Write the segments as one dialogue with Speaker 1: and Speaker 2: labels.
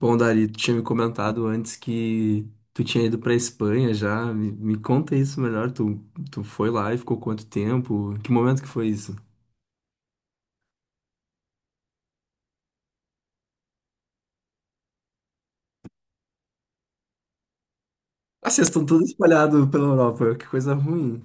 Speaker 1: Bom, Dari, tu tinha me comentado antes que tu tinha ido pra Espanha já. Me conta isso melhor. Tu foi lá e ficou quanto tempo? Que momento que foi isso? Ah, vocês estão todos espalhados pela Europa. Que coisa ruim.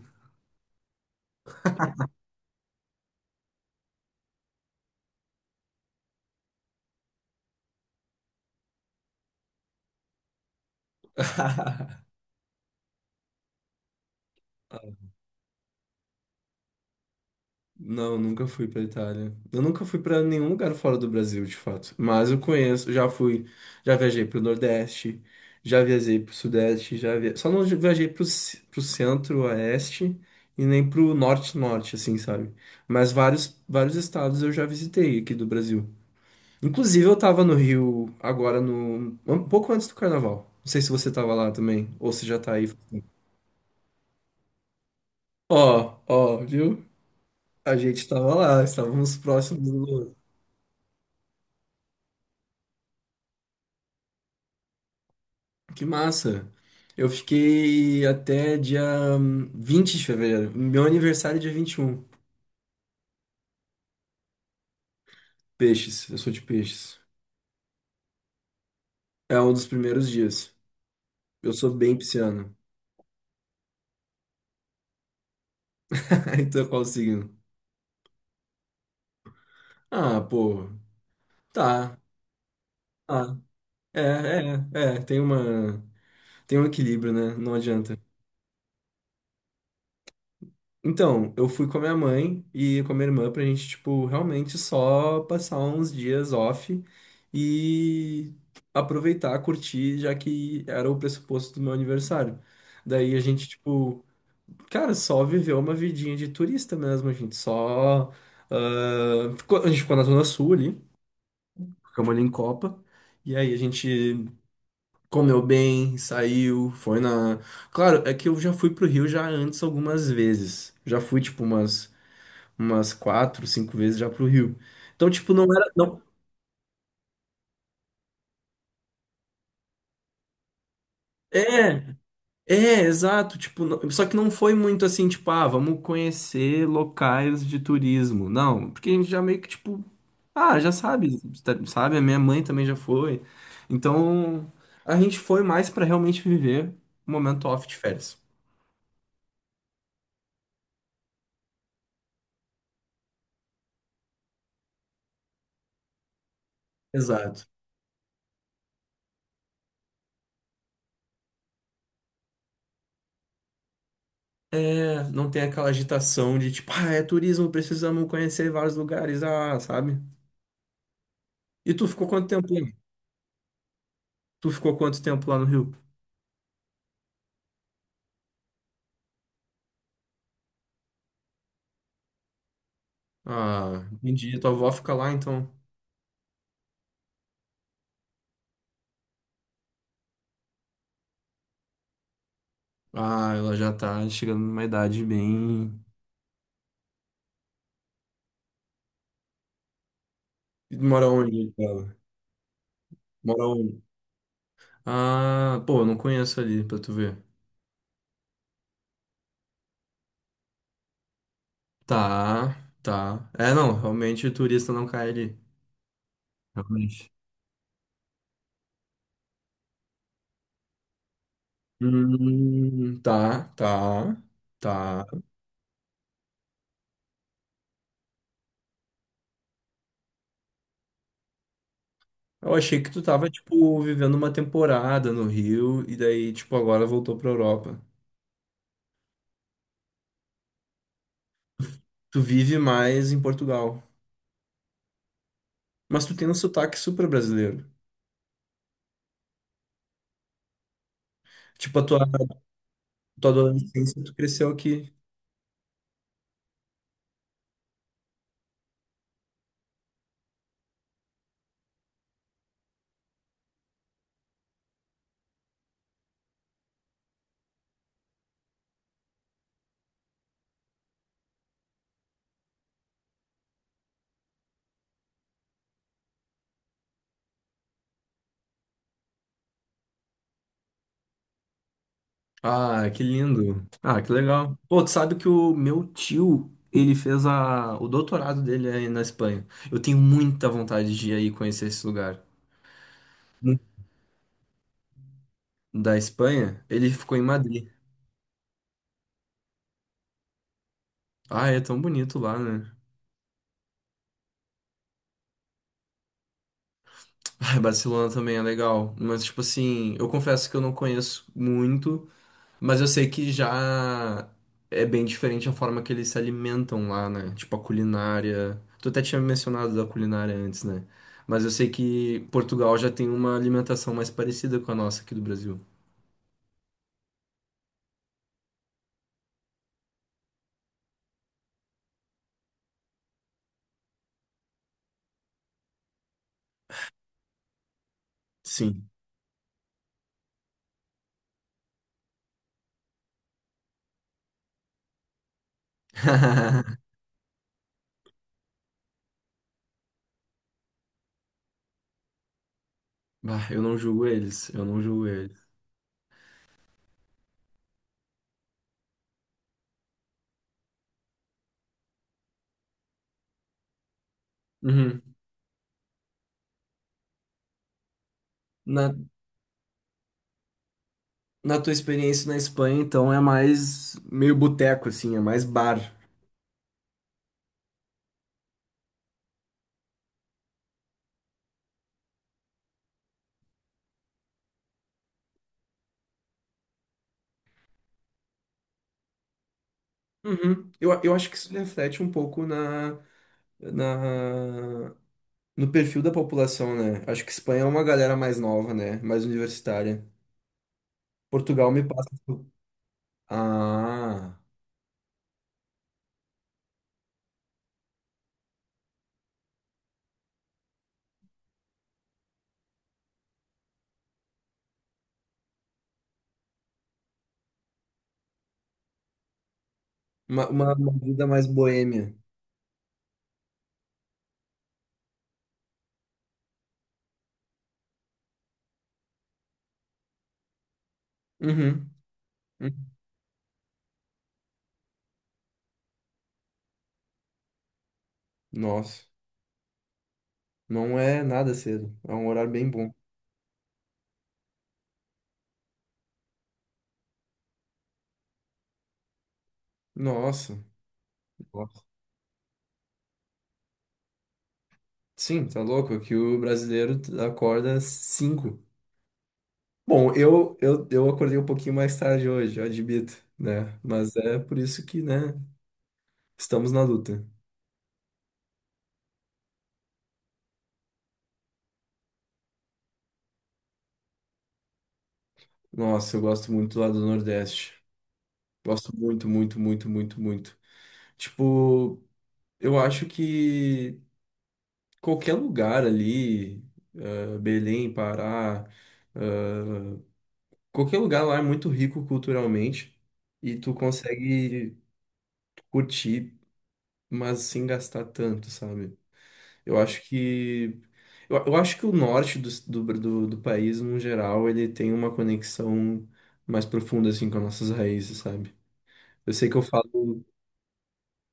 Speaker 1: Não, nunca fui pra Itália. Eu nunca fui pra nenhum lugar fora do Brasil, de fato. Mas eu conheço, já fui, já viajei pro Nordeste, já viajei pro Sudeste, só não viajei pro Centro-Oeste e nem pro Norte-Norte, assim, sabe? Mas vários, vários estados eu já visitei aqui do Brasil. Inclusive, eu tava no Rio agora no um pouco antes do Carnaval. Não sei se você tava lá também, ou se já tá aí. Ó, ó, viu? A gente tava lá, estávamos próximos. Que massa! Eu fiquei até dia 20 de fevereiro. Meu aniversário é dia 21. Peixes, eu sou de peixes. É um dos primeiros dias. Eu sou bem pisciano. Então qual o signo? Ah, pô. Tá. Ah, é, é, é. Tem uma, tem um equilíbrio, né? Não adianta. Então, eu fui com a minha mãe e com a minha irmã pra gente, tipo, realmente só passar uns dias off e aproveitar, curtir, já que era o pressuposto do meu aniversário. Daí a gente, tipo, cara, só viveu uma vidinha de turista mesmo, a gente só. A gente ficou na Zona Sul ali, ficamos ali em Copa, e aí a gente comeu bem, saiu, foi na. Claro, é que eu já fui pro Rio já antes algumas vezes. Já fui, tipo, umas quatro, cinco vezes já pro Rio. Então, tipo, não era. Não, é, é, exato. Tipo, só que não foi muito assim, tipo, ah, vamos conhecer locais de turismo. Não, porque a gente já meio que, tipo, ah, já sabe, sabe? A minha mãe também já foi. Então, a gente foi mais pra realmente viver o momento off de férias. Exato. É, não tem aquela agitação de tipo, ah, é turismo, precisamos conhecer vários lugares, ah, sabe? E tu ficou quanto tempo lá? Tu ficou quanto tempo lá no Rio? Ah, entendi. Tua avó fica lá, então. Ah, ela já tá chegando numa idade bem. E mora onde ela? Mora onde? Ah, pô, eu não conheço ali, pra tu ver. Tá, tá. É, não, realmente o turista não cai ali. Realmente. Tá, tá, tá. Eu achei que tu tava, tipo, vivendo uma temporada no Rio e daí, tipo, agora voltou pra Europa. Tu vive mais em Portugal. Mas tu tem um sotaque super brasileiro. Tipo, a tua tua adolescência, tu cresceu aqui. Ah, que lindo. Ah, que legal. Pô, tu sabe que o meu tio, ele fez o doutorado dele aí na Espanha. Eu tenho muita vontade de ir aí conhecer esse lugar. Hum. Da Espanha, ele ficou em Madrid. Ah, é tão bonito lá, né? Ah, Barcelona também é legal. Mas, tipo assim, eu confesso que eu não conheço muito. Mas eu sei que já é bem diferente a forma que eles se alimentam lá, né? Tipo a culinária. Tu até tinha mencionado da culinária antes, né? Mas eu sei que Portugal já tem uma alimentação mais parecida com a nossa aqui do Brasil. Sim. Bah, eu não julgo eles, eu não julgo eles. Uhum. Na, na tua experiência na Espanha, então, é mais meio boteco, assim, é mais bar. Uhum. Eu acho que isso reflete um pouco na, na no perfil da população, né? Acho que Espanha é uma galera mais nova, né? Mais universitária. Portugal me passa. Ah, uma vida mais boêmia. Uhum. Uhum. Nossa, não é nada cedo. É um horário bem bom. Nossa. Nossa. Sim, tá louco? Que o brasileiro acorda às 5. Bom, eu acordei um pouquinho mais tarde hoje, eu admito, né? Mas é por isso que, né? Estamos na luta. Nossa, eu gosto muito lá do Nordeste. Gosto muito, muito, muito, muito, muito. Tipo, eu acho que qualquer lugar ali, eh, Belém, Pará, eh, qualquer lugar lá é muito rico culturalmente e tu consegue curtir, mas sem gastar tanto, sabe? Eu acho que eu acho que o norte do país, no geral, ele tem uma conexão mais profunda assim com as nossas raízes, sabe? Eu sei que eu falo,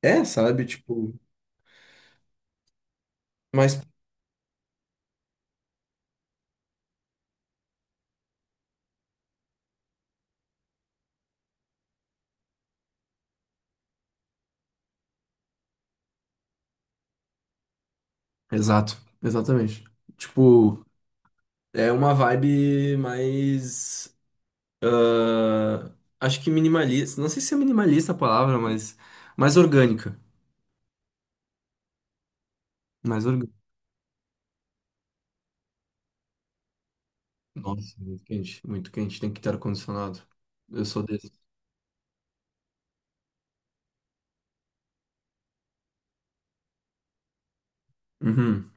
Speaker 1: é, sabe, tipo, mais. Exato, exatamente. Tipo, é uma vibe mais. Ah, acho que minimalista. Não sei se é minimalista a palavra, mas mais orgânica. Mais orgânica. Nossa, muito quente. Muito quente, tem que ter ar-condicionado. Eu sou desse. Uhum,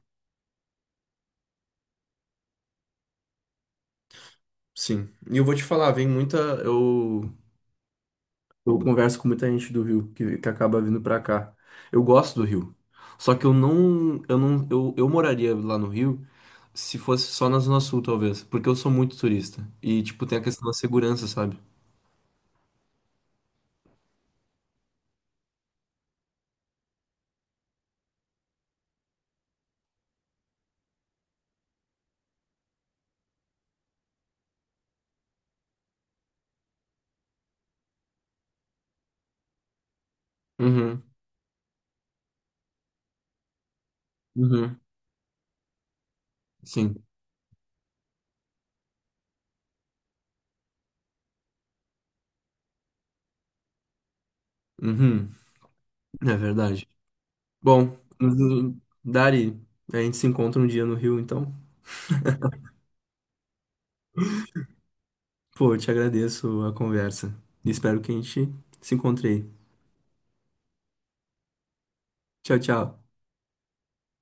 Speaker 1: sim. E eu vou te falar, vem muita. Eu, eu converso com muita gente do Rio que acaba vindo pra cá. Eu gosto do Rio. Só que eu não. Eu não. Eu moraria lá no Rio. Se fosse só na Zona Sul, talvez. Porque eu sou muito turista. E, tipo, tem a questão da segurança, sabe? Uhum. Uhum. Sim. Uhum. É verdade. Bom, Dari, a gente se encontra um dia no Rio, então. Pô, eu te agradeço a conversa. E espero que a gente se encontre aí. Tchau, tchau.